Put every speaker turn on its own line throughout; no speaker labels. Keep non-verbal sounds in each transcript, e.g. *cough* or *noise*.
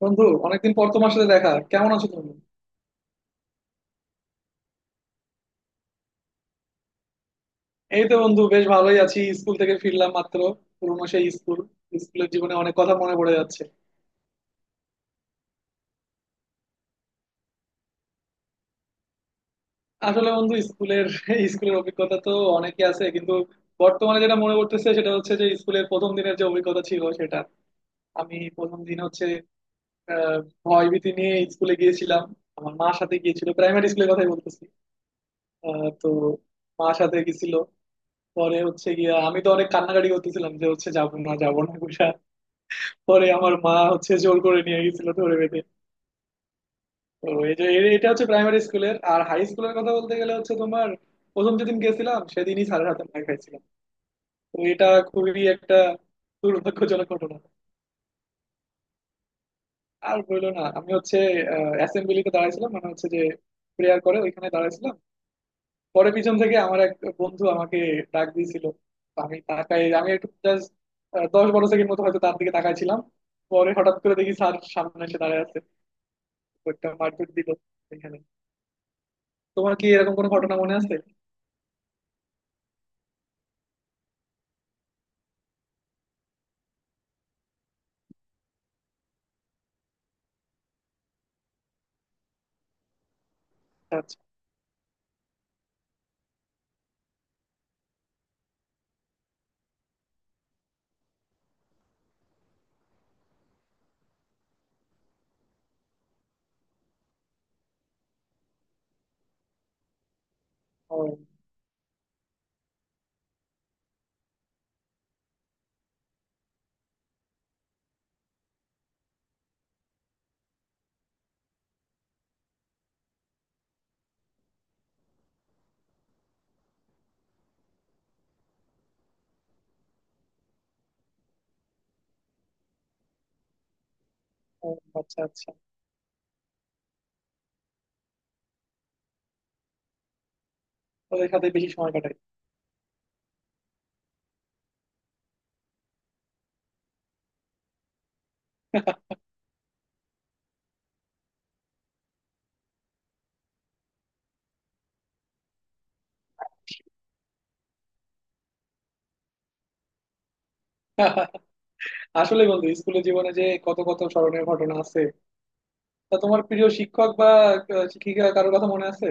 বন্ধু, অনেকদিন পর তোমার সাথে দেখা। কেমন আছো তুমি? এই তো বন্ধু, বেশ ভালোই আছি। স্কুল থেকে ফিরলাম মাত্র। পুরোনো সেই স্কুল। স্কুলের জীবনে অনেক কথা মনে পড়ে যাচ্ছে। আসলে বন্ধু, স্কুলের স্কুলের অভিজ্ঞতা তো অনেকই আছে, কিন্তু বর্তমানে যেটা মনে পড়তেছে সেটা হচ্ছে যে স্কুলের প্রথম দিনের যে অভিজ্ঞতা ছিল সেটা। আমি প্রথম দিন হচ্ছে আহ ভয় ভীতি নিয়ে স্কুলে গিয়েছিলাম। আমার মার সাথে গিয়েছিল, প্রাইমারি স্কুলের কথাই বলতেছি। তো মার সাথে গেছিল, পরে হচ্ছে গিয়া আমি তো অনেক কান্নাকাটি করতেছিলাম যে হচ্ছে যাবো না যাবো না করে। পরে আমার মা হচ্ছে জোর করে নিয়ে গেছিল ধরে বেঁধে। তো এই যে এটা হচ্ছে প্রাইমারি স্কুলের। আর হাই স্কুলের কথা বলতে গেলে হচ্ছে তোমার, প্রথম যেদিন গেছিলাম সেদিনই স্যারের হাতে মার খাইছিলাম। তো এটা খুবই একটা দুর্ভাগ্যজনক ঘটনা। আর বললো না, আমি হচ্ছে অ্যাসেম্বলিতে দাঁড়াইছিলাম, মানে হচ্ছে যে প্রেয়ার করে ওইখানে দাঁড়াইছিলাম। পরে পিছন থেকে আমার এক বন্ধু আমাকে ডাক দিয়েছিল। তো আমি তাকাই, আমি একটু জাস্ট 10-12 সেকেন্ড মতো হয়তো তার দিকে তাকাইছিলাম। পরে হঠাৎ করে দেখি স্যার সামনে এসে দাঁড়ায় আছে। তো একটা মারপিট দিল এখানে। তোমার কি এরকম কোনো ঘটনা মনে আছে? আচ্ছা। ও। ও, আচ্ছা আচ্ছা। ওদের সাথে বেশি সময় কাটাই। *laughs* আসলে বন্ধু, স্কুলের জীবনে যে কত কত স্মরণীয় ঘটনা আছে। তা তোমার প্রিয় শিক্ষক বা শিক্ষিকা কারোর কথা মনে আছে?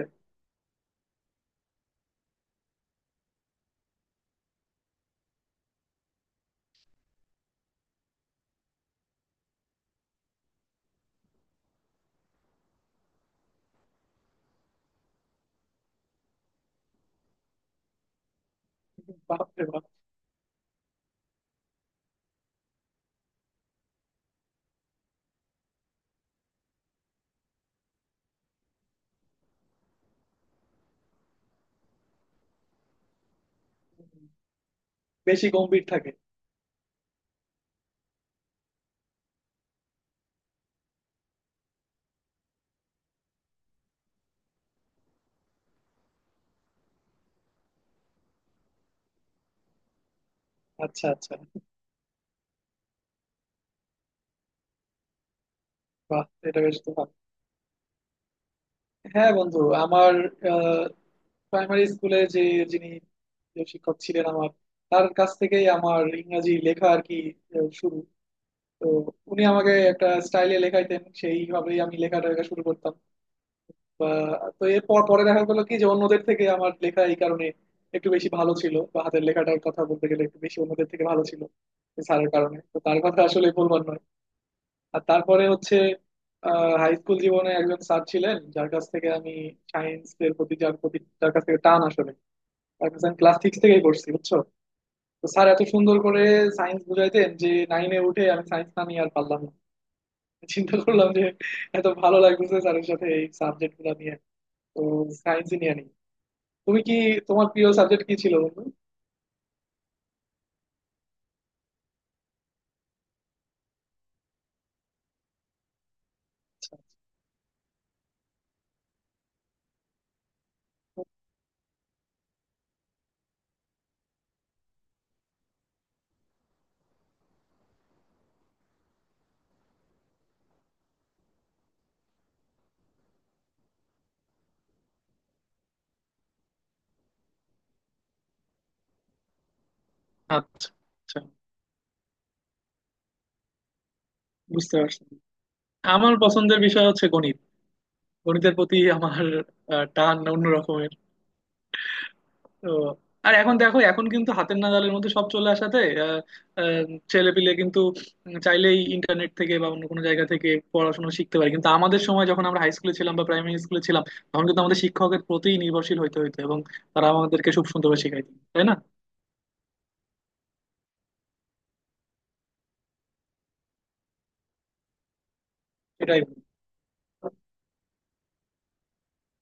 বাহ রে বাহ। বেশি গম্ভীর থাকে। আচ্ছা আচ্ছা। বাহ, এটা বেশ তো ভালো। হ্যাঁ বন্ধু, আমার প্রাইমারি স্কুলে যে, যিনি, যে শিক্ষক ছিলেন আমার, তার কাছ থেকেই আমার ইংরাজি লেখা আর কি শুরু। তো উনি আমাকে একটা স্টাইলে লেখাইতেন, সেইভাবেই আমি লেখাটা লেখা শুরু করতাম বা। তো এরপর পরে দেখা গেলো কি যে অন্যদের থেকে আমার লেখা এই কারণে একটু বেশি ভালো ছিল বা হাতের লেখাটার কথা বলতে গেলে একটু বেশি অন্যদের থেকে ভালো ছিল। স্যারের কারণে তো তার কথা আসলে বলবার নয়। আর তারপরে হচ্ছে হাই স্কুল জীবনে একজন স্যার ছিলেন যার কাছ থেকে আমি সায়েন্স এর প্রতি, যার প্রতি, যার কাছ থেকে টান আসলে, তার কাছে আমি ক্লাস সিক্স থেকেই পড়ছি বুঝছো। তো স্যার এত সুন্দর করে সায়েন্স বুঝাইতেন যে নাইনে উঠে আমি সায়েন্স না নিয়ে আর পারলাম না। চিন্তা করলাম যে এত ভালো লাগতেছে স্যারের সাথে এই সাবজেক্ট গুলো নিয়ে। তো সায়েন্সই নিয়ে নি। তুমি কি, তোমার প্রিয় সাবজেক্ট কি ছিল বন্ধু? আচ্ছা আচ্ছা আচ্ছা, বুঝতে পারছি। আমার পছন্দের বিষয় হচ্ছে গণিত। গণিতের প্রতি আমার টান অন্যরকম। তো আর এখন দেখো, এখন কিন্তু হাতের নাগালের মধ্যে সব চলে আসাতে, আহ, আহ, ছেলেপিলে কিন্তু চাইলেই ইন্টারনেট থেকে বা অন্য কোনো জায়গা থেকে পড়াশোনা শিখতে পারে। কিন্তু আমাদের সময় যখন আমরা হাই স্কুলে ছিলাম বা প্রাইমারি স্কুলে ছিলাম, তখন কিন্তু আমাদের শিক্ষকের প্রতি নির্ভরশীল হইতে হইতো, এবং তারা আমাদেরকে খুব সুন্দরভাবে শেখাইতো, তাই না? এটাই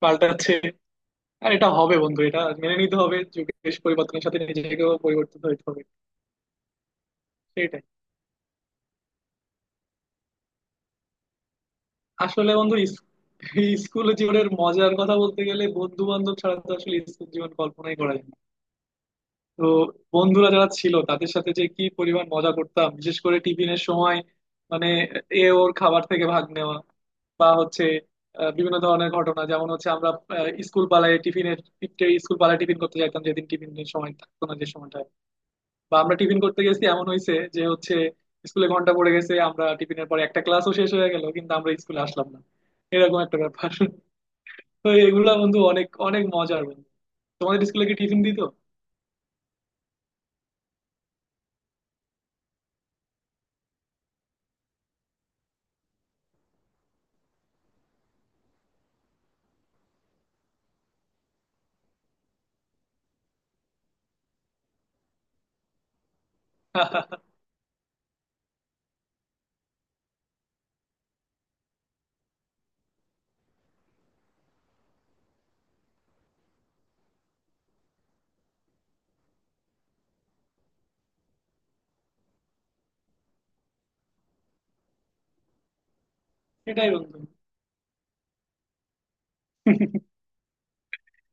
পাল্টাচ্ছে। আর এটা হবে বন্ধু, এটা মেনে নিতে হবে। যুগের পরিবর্তনের সাথে নিজেকেও পরিবর্তন হইতে হবে। সেটাই। আসলে বন্ধু এই স্কুল জীবনের মজার কথা বলতে গেলে বন্ধু বান্ধব ছাড়া তো আসলে স্কুল জীবন কল্পনাই করা যায় না। তো বন্ধুরা যারা ছিল তাদের সাথে যে কি পরিমাণ মজা করতাম বিশেষ করে টিফিনের সময়, মানে এ ওর খাবার থেকে ভাগ নেওয়া বা হচ্ছে বিভিন্ন ধরনের ঘটনা। যেমন হচ্ছে আমরা আহ, স্কুল পালায় টিফিনের স্কুল পালায় টিফিন করতে যাইতাম, যেদিন টিফিনের সময় থাকতো না যে সময়টা। বা আমরা টিফিন করতে গেছি এমন হয়েছে যে হচ্ছে স্কুলে ঘন্টা পড়ে গেছে, আমরা টিফিনের পরে একটা ক্লাসও শেষ হয়ে গেল কিন্তু আমরা স্কুলে আসলাম না, এরকম একটা ব্যাপার। তো এগুলা বন্ধু অনেক অনেক মজার বন্ধু। তোমাদের স্কুলে কি টিফিন দিত? *laughs* এটাই বন্ধু।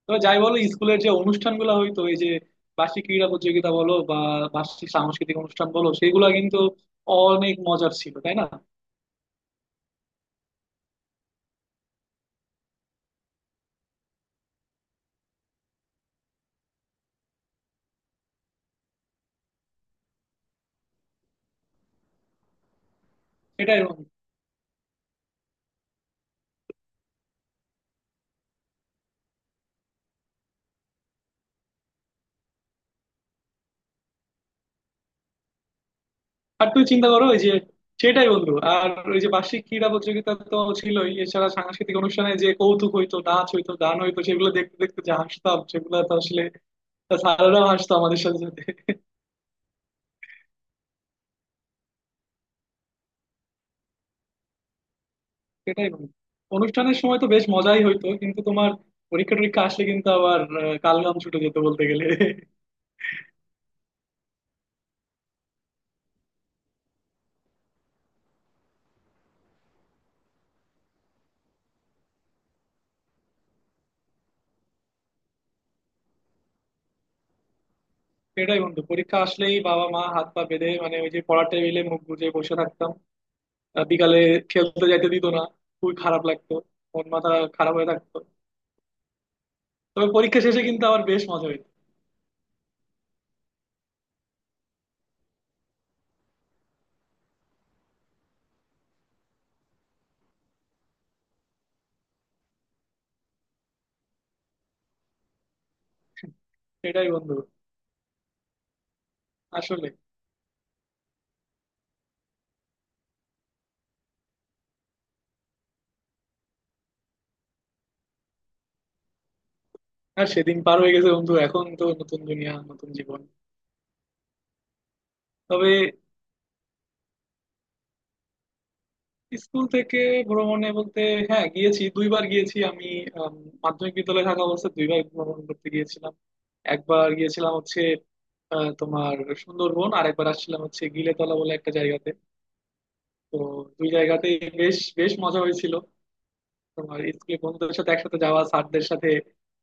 তো যাই বলো, স্কুলের যে অনুষ্ঠানগুলো হইতো, এই যে বার্ষিক ক্রীড়া প্রতিযোগিতা বলো বা বার্ষিক সাংস্কৃতিক অনুষ্ঠান বলো, সেগুলো কিন্তু অনেক মজার ছিল, তাই না? সেটাই বন্ধু। আর তুই চিন্তা করো ওই যে, সেটাই বন্ধু। আর ওই যে বার্ষিক ক্রীড়া প্রতিযোগিতা তো ছিলই, এছাড়া সাংস্কৃতিক অনুষ্ঠানে যে কৌতুক হইতো, নাচ হইতো, গান হইতো, সেগুলো দেখতে দেখতে যে হাসতাম সেগুলো তো আসলে, স্যাররাও হাসতো আমাদের সাথে সাথে। সেটাই বন্ধু, অনুষ্ঠানের সময় তো বেশ মজাই হইতো, কিন্তু তোমার পরীক্ষা টরীক্ষা আসলে কিন্তু আবার কালঘাম ছুটে যেত বলতে গেলে। সেটাই বন্ধু, পরীক্ষা আসলেই বাবা মা হাত পা বেঁধে মানে ওই যে পড়ার টেবিলে মুখ গুজে বসে থাকতাম। বিকালে খেলতে যাইতে দিত না, খুবই খারাপ লাগতো। মন মাথা খারাপ হয়ে থাকতো। তবে পরীক্ষা শেষে কিন্তু আবার বেশ মজা হইতো। *laughs* সেটাই বন্ধু, আসলে আর সেদিন পার হয়ে গেছে বন্ধু, এখন তো নতুন দুনিয়া নতুন জীবন। তবে স্কুল থেকে ভ্রমণে বলতে, হ্যাঁ গিয়েছি, দুইবার গিয়েছি আমি। আম, মাধ্যমিক বিদ্যালয়ে থাকা অবস্থায় দুইবার ভ্রমণ করতে গিয়েছিলাম। একবার গিয়েছিলাম হচ্ছে তোমার সুন্দরবন, আর একবার আসছিলাম হচ্ছে গিলেতলা বলে একটা জায়গাতে। তো দুই জায়গাতেই বেশ বেশ মজা হয়েছিল। তোমার স্কুলে বন্ধুদের সাথে একসাথে যাওয়া, স্যারদের সাথে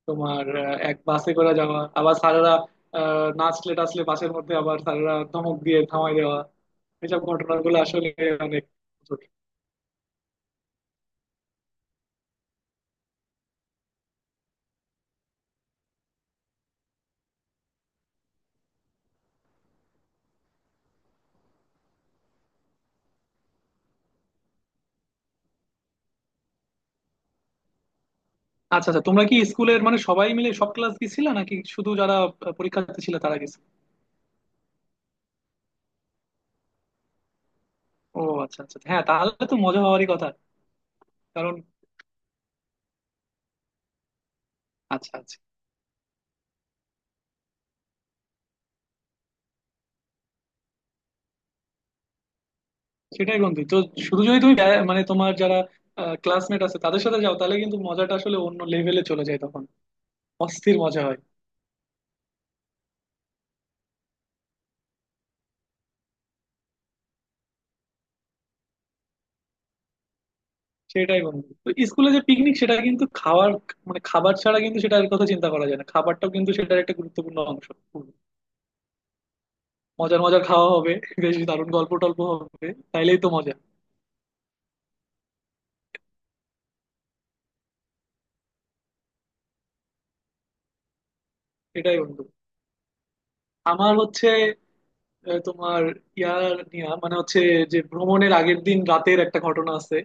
তোমার এক বাসে করে যাওয়া, আবার স্যারেরা নাচলে টাচলে বাসের মধ্যে, আবার স্যারেরা ধমক দিয়ে থামাই দেওয়া, এসব ঘটনাগুলো আসলে অনেক মজার। আচ্ছা আচ্ছা, তোমরা কি স্কুলের মানে সবাই মিলে সব ক্লাস গেছিলে নাকি শুধু যারা পরীক্ষার্থী ছিল তারা গেছিল? ও আচ্ছা আচ্ছা, হ্যাঁ, তাহলে তো মজা হওয়ারই কথা। কারণ আচ্ছা আচ্ছা, সেটাই বন্ধু। তো শুধু যদি তুমি মানে তোমার যারা ক্লাসমেট আছে তাদের সাথে যাও, তাহলে কিন্তু মজাটা আসলে অন্য লেভেলে চলে যায় তখন। অস্থির মজা হয়। সেটাই বন্ধু, তো স্কুলে যে পিকনিক সেটা কিন্তু খাওয়ার মানে খাবার ছাড়া কিন্তু সেটার কথা চিন্তা করা যায় না, খাবারটাও কিন্তু সেটার একটা গুরুত্বপূর্ণ অংশ। মজার মজার খাওয়া হবে, বেশ দারুণ গল্প টল্প হবে, তাইলেই তো মজা। এটাই বন্ধু। আমার হচ্ছে তোমার ইয়ার নিয়া মানে হচ্ছে, যে ভ্রমণের আগের দিন রাতের একটা ঘটনা আছে,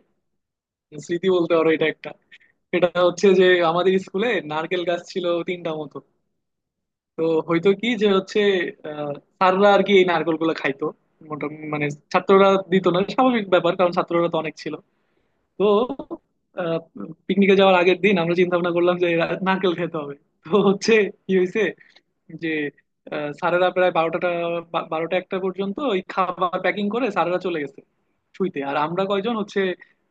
স্মৃতি বলতে পারো এটা। এটা হচ্ছে যে আমাদের স্কুলে নারকেল গাছ ছিল তিনটা মতো। তো হয়তো কি যে হচ্ছে আহ, স্যাররা আর কি এই নারকেল গুলো খাইতো মোটামুটি, মানে ছাত্ররা দিত না, স্বাভাবিক ব্যাপার কারণ ছাত্ররা তো অনেক ছিল। তো পিকনিকে যাওয়ার আগের দিন আমরা চিন্তা ভাবনা করলাম যে নারকেল খেতে হবে। তো হচ্ছে কি হয়েছে যে স্যারেরা প্রায় বারোটা 12টা-1টা পর্যন্ত ওই খাবার প্যাকিং করে স্যারেরা চলে গেছে শুইতে। আর আমরা কয়জন হচ্ছে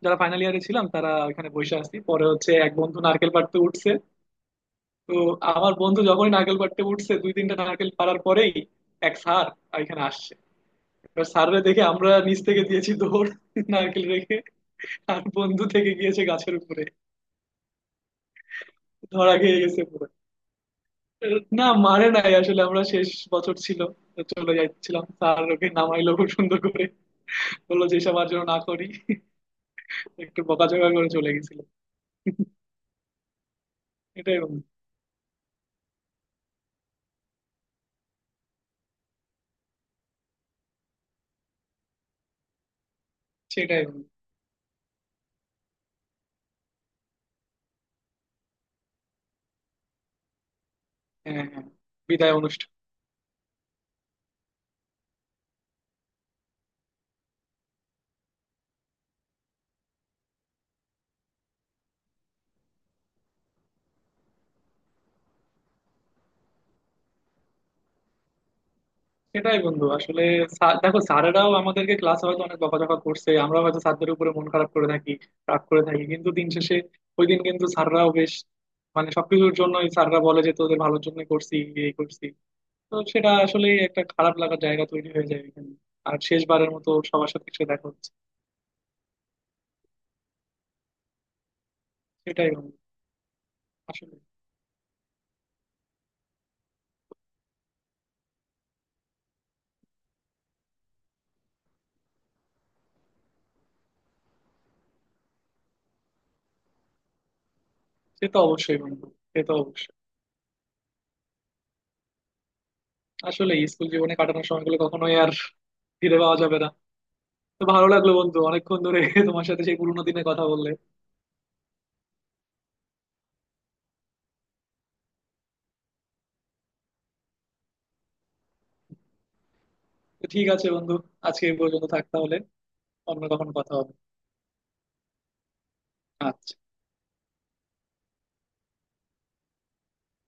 যারা ফাইনাল ইয়ারে ছিলাম তারা ওখানে বসে আছি। পরে হচ্ছে এক বন্ধু নারকেল পাড়তে উঠছে। তো আমার বন্ধু যখনই নারকেল পাড়তে উঠছে, দুই তিনটা নারকেল পাড়ার পরেই এক স্যার এখানে আসছে। এবার স্যাররা দেখে আমরা নিচ থেকে দিয়েছি দৌড়, নারকেল রেখে। আর বন্ধু থেকে গিয়েছে গাছের উপরে। ধরা খেয়ে গেছে পুরো। না মারে নাই আসলে, আমরা শেষ বছর ছিল, তো চলে যাচ্ছিলাম। স্যার ওকে নামাইলো খুব সুন্দর করে, বললো যে এসব আর যেন না করি। একটু বকাঝকা করে চলে গেছিল। এটাই বন্ধু। সেটাই বন্ধু। হ্যাঁ হ্যাঁ। বিদায় অনুষ্ঠান। সেটাই বন্ধু, আসলে দেখো স্যারেরাও আমাদেরকে ক্লাসে হয়তো অনেক বকাঝকা করছে, আমরাও হয়তো স্যারদের উপরে মন খারাপ করে থাকি, রাগ করে থাকি, কিন্তু দিন শেষে ওই দিন কিন্তু স্যাররাও বেশ, মানে সবকিছুর জন্যই স্যাররা বলে যে তোদের ভালোর জন্য করছি এই করছি। তো সেটা আসলে একটা খারাপ লাগার জায়গা তৈরি হয়ে যায় এখানে। আর শেষবারের মতো সবার সাথে এসে দেখা হচ্ছে। সেটাই বন্ধু, আসলে সে তো অবশ্যই বন্ধু, সে তো অবশ্যই। আসলে স্কুল জীবনে কাটানোর সময়গুলো কখনোই আর ফিরে পাওয়া যাবে না। তো ভালো লাগলো বন্ধু, অনেকক্ষণ ধরে তোমার সাথে সেই পুরোনো দিনের কথা বললে। তো ঠিক আছে বন্ধু, আজকে এই পর্যন্ত থাক তাহলে। অন্য কখন কথা হবে। আচ্ছা।